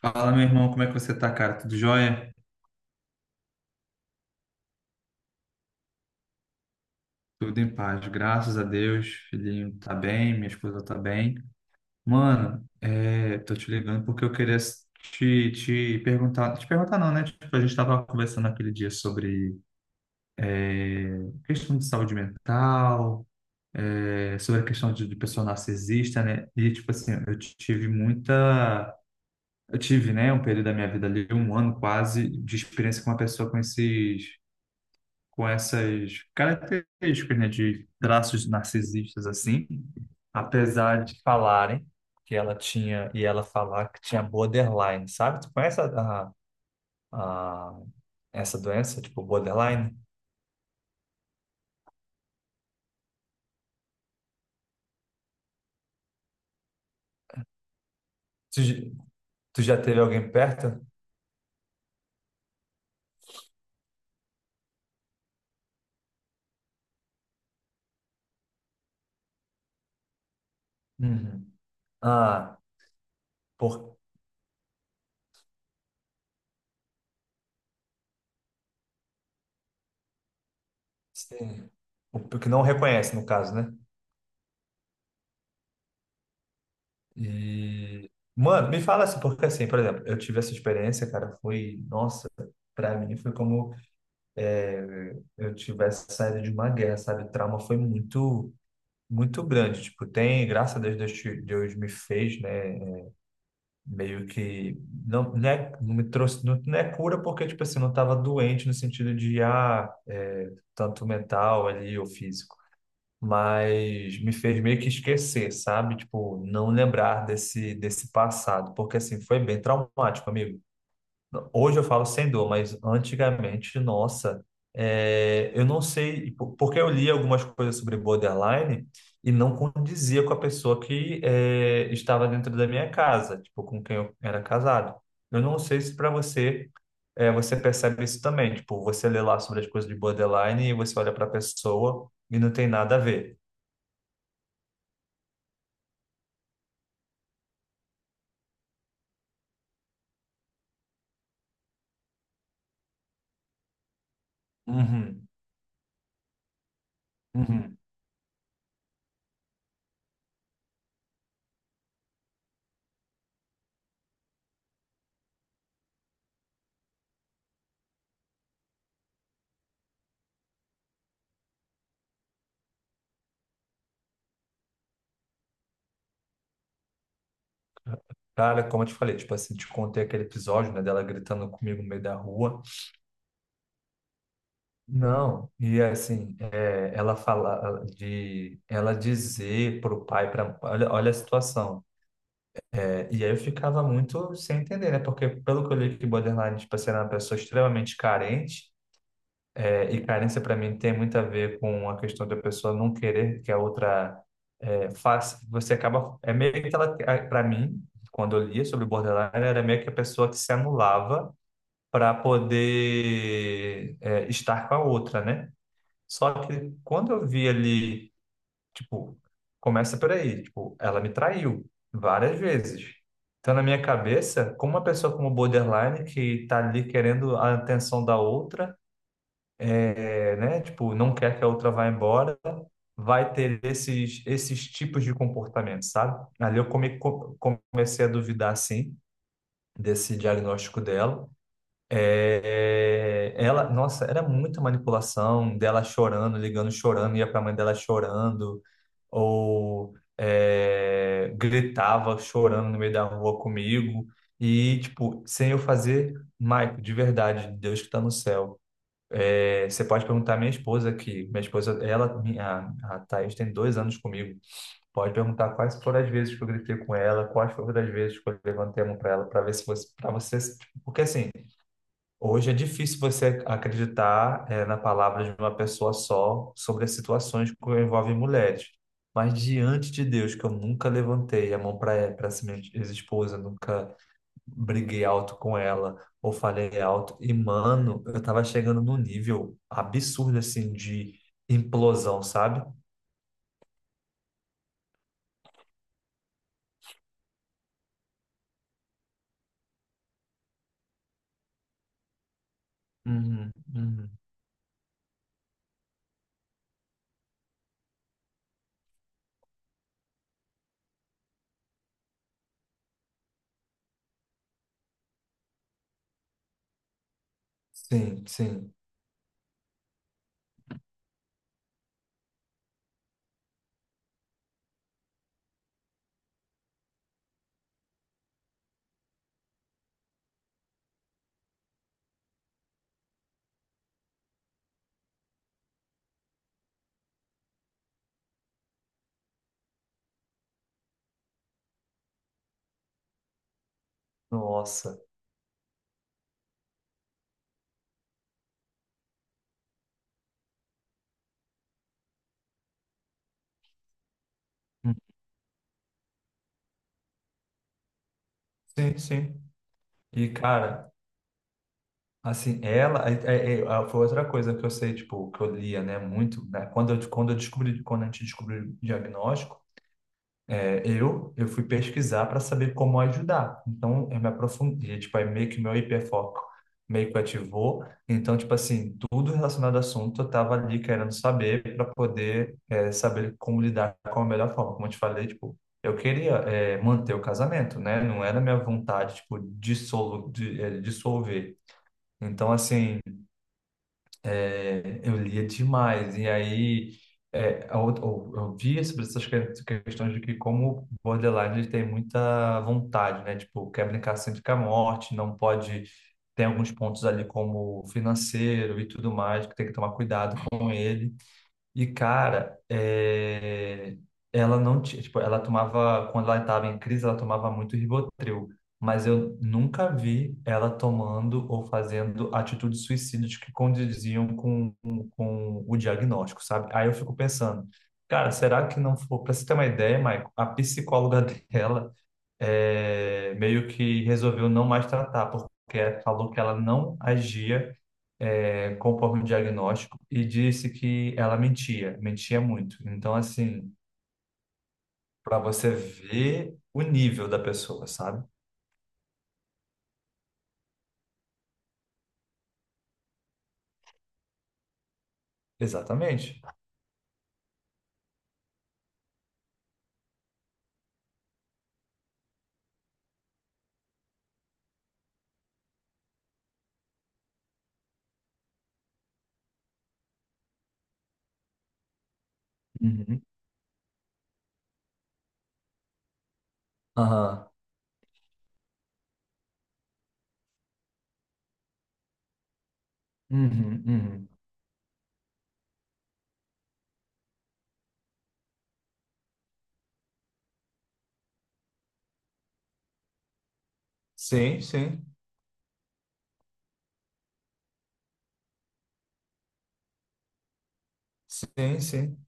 Fala, meu irmão, como é que você tá, cara? Tudo jóia? Tudo em paz, graças a Deus. Filhinho tá bem, minha esposa tá bem. Mano, tô te ligando porque eu queria te perguntar, te perguntar não, né? Tipo, a gente tava conversando aquele dia sobre é, questão de saúde mental, sobre a questão de pessoa narcisista, né? E, tipo assim, eu tive muita... Eu tive, né, um período da minha vida ali, um ano quase, de experiência com uma pessoa com esses... com essas características, né, de traços narcisistas assim, apesar de falarem que ela tinha e ela falar que tinha borderline, sabe? Tu conhece a- essa doença, tipo borderline? Tu, j- Tu já teve alguém perto? Uhum. Ah, por sim. O que não reconhece no caso, né? E mano, me fala assim, porque assim, por exemplo, eu tive essa experiência, cara, foi, nossa, pra mim foi como eu tivesse saído de uma guerra, sabe? O trauma foi muito, muito grande. Tipo, tem, graças a Deus, Deus, Deus me fez, né? Meio que não me trouxe, não, não é cura porque, tipo assim, eu não estava doente no sentido de, ah, tanto mental ali ou físico. Mas me fez meio que esquecer, sabe? Tipo, não lembrar desse passado, porque assim, foi bem traumático, amigo. Hoje eu falo sem dor, mas antigamente, nossa, eu não sei, porque eu li algumas coisas sobre borderline e não condizia com a pessoa que estava dentro da minha casa, tipo, com quem eu era casado. Eu não sei se para você, você percebe isso também, tipo, você lê lá sobre as coisas de borderline e você olha para a pessoa e não tem nada a ver. Uhum, uhum. Cara, como eu te falei, tipo assim, te contei aquele episódio, né, dela gritando comigo no meio da rua. Não, e assim, é, ela fala de ela dizer pro pai, pra, olha, olha a situação. É, e aí eu ficava muito sem entender, né? Porque pelo que eu li que borderline, tipo assim, era uma pessoa extremamente carente, e carência para mim tem muito a ver com a questão da pessoa não querer que a outra faça, você acaba, é meio que ela, para mim, quando eu lia sobre borderline, era meio que a pessoa que se anulava para poder estar com a outra, né? Só que quando eu vi ali, tipo, começa por aí, tipo, ela me traiu várias vezes. Então, na minha cabeça, como uma pessoa como borderline, que tá ali querendo a atenção da outra, é, né? Tipo, não quer que a outra vá embora, vai ter esses tipos de comportamento, sabe? Ali eu comecei a duvidar, sim, desse diagnóstico dela. Ela, nossa, era muita manipulação dela chorando, ligando, chorando, ia pra mãe dela chorando, ou gritava chorando no meio da rua comigo, e tipo, sem eu fazer, Maico, de verdade, Deus que tá no céu. Você pode perguntar à minha esposa aqui, minha esposa, ela, minha, a Thaís tem 2 anos comigo, pode perguntar quais foram as vezes que eu gritei com ela, quais foram as vezes que eu levantei a mão pra ela, pra ver se você, pra você, tipo, porque assim. Hoje é difícil você acreditar, na palavra de uma pessoa só sobre as situações que envolvem mulheres. Mas diante de Deus, que eu nunca levantei a mão para essa minha ex-esposa, nunca briguei alto com ela ou falei alto. E, mano, eu tava chegando num nível absurdo, assim, de implosão, sabe? Uhum, uhum. Sim, sim. Nossa. Sim, sim. E, cara, assim, ela foi outra coisa que eu sei, tipo, que eu lia, né, muito, né? Quando eu descobri, quando a gente descobriu o diagnóstico, é, eu fui pesquisar para saber como ajudar. Então, eu me aprofundei, tipo, aí meio que meu hiperfoco meio que ativou. Então, tipo assim, tudo relacionado ao assunto, eu tava ali querendo saber para poder saber como lidar com a melhor forma. Como eu te falei, tipo, eu queria manter o casamento, né? Não era minha vontade, tipo, dissolver. Então, assim, eu lia demais. E aí, eu via sobre essas questões de que como o borderline ele tem muita vontade, né? Tipo, quer brincar sempre com a morte, não pode... Tem alguns pontos ali como financeiro e tudo mais, que tem que tomar cuidado com ele. E, cara, é, ela não tinha, tipo, ela tomava, quando ela estava em crise, ela tomava muito Rivotril, mas eu nunca vi ela tomando ou fazendo atitudes suicidas que condiziam com o diagnóstico, sabe? Aí eu fico pensando, cara, será que não foi, pra você ter uma ideia, Maicon, a psicóloga dela meio que resolveu não mais tratar, porque falou que ela não agia, conforme o diagnóstico e disse que ela mentia, mentia muito. Então, assim, para você ver o nível da pessoa, sabe? Exatamente. Uhum. Aham. Uhum, uhum. Sim, sim. Sim, sim.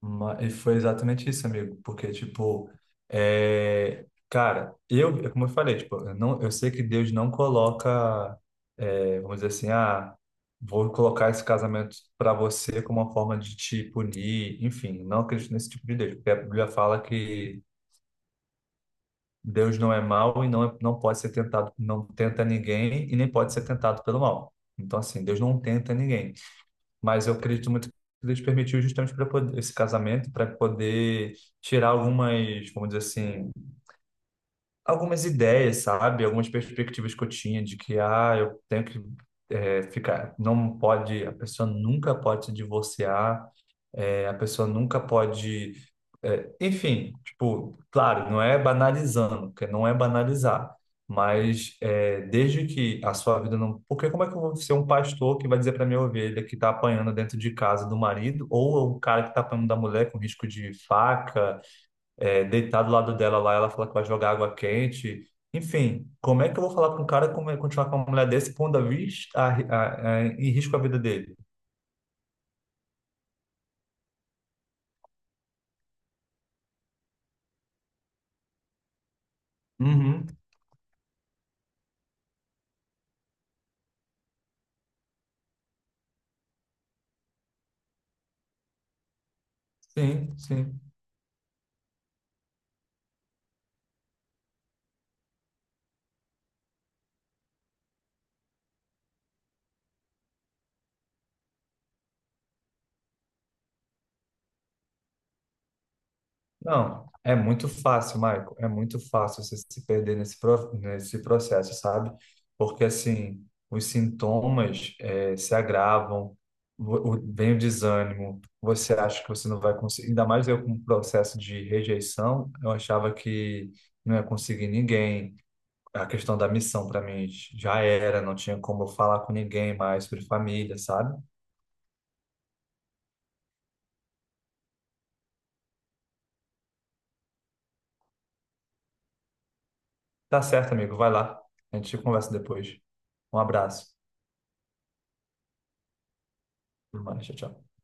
E foi exatamente isso, amigo, porque, tipo, é, cara, eu, é como eu falei, tipo, eu, não, eu sei que Deus não coloca, vamos dizer assim, ah, vou colocar esse casamento para você como uma forma de te punir, enfim, não acredito nesse tipo de Deus, porque a Bíblia fala que Deus não é mau e não, não pode ser tentado, não tenta ninguém e nem pode ser tentado pelo mal. Então, assim, Deus não tenta ninguém, mas eu acredito muito que Deus permitiu justamente para poder esse casamento, para poder tirar algumas, vamos dizer assim, algumas ideias, sabe? Algumas perspectivas que eu tinha de que, ah, eu tenho que ficar, não pode, a pessoa nunca pode se divorciar a pessoa nunca pode. É, enfim, tipo, claro, não é banalizando, porque não é banalizar, mas é, desde que a sua vida não. Porque como é que eu vou ser um pastor que vai dizer para minha ovelha que está apanhando dentro de casa do marido, ou o cara que está apanhando da mulher com risco de faca, deitar do lado dela lá, ela fala que vai jogar água quente. Enfim, como é que eu vou falar com um cara como é continuar com uma mulher desse pondo a, vis- a, em risco a vida dele? Uhum, sim, sim. Não, é muito fácil, Michael. É muito fácil você se perder nesse processo, sabe? Porque, assim, os sintomas se agravam, vem o desânimo, você acha que você não vai conseguir. Ainda mais eu com o processo de rejeição, eu achava que não ia conseguir ninguém. A questão da missão, para mim, já era, não tinha como eu falar com ninguém mais sobre família, sabe? Tá certo, amigo, vai lá. A gente conversa depois. Um abraço. Tudo mais, tchau, tchau.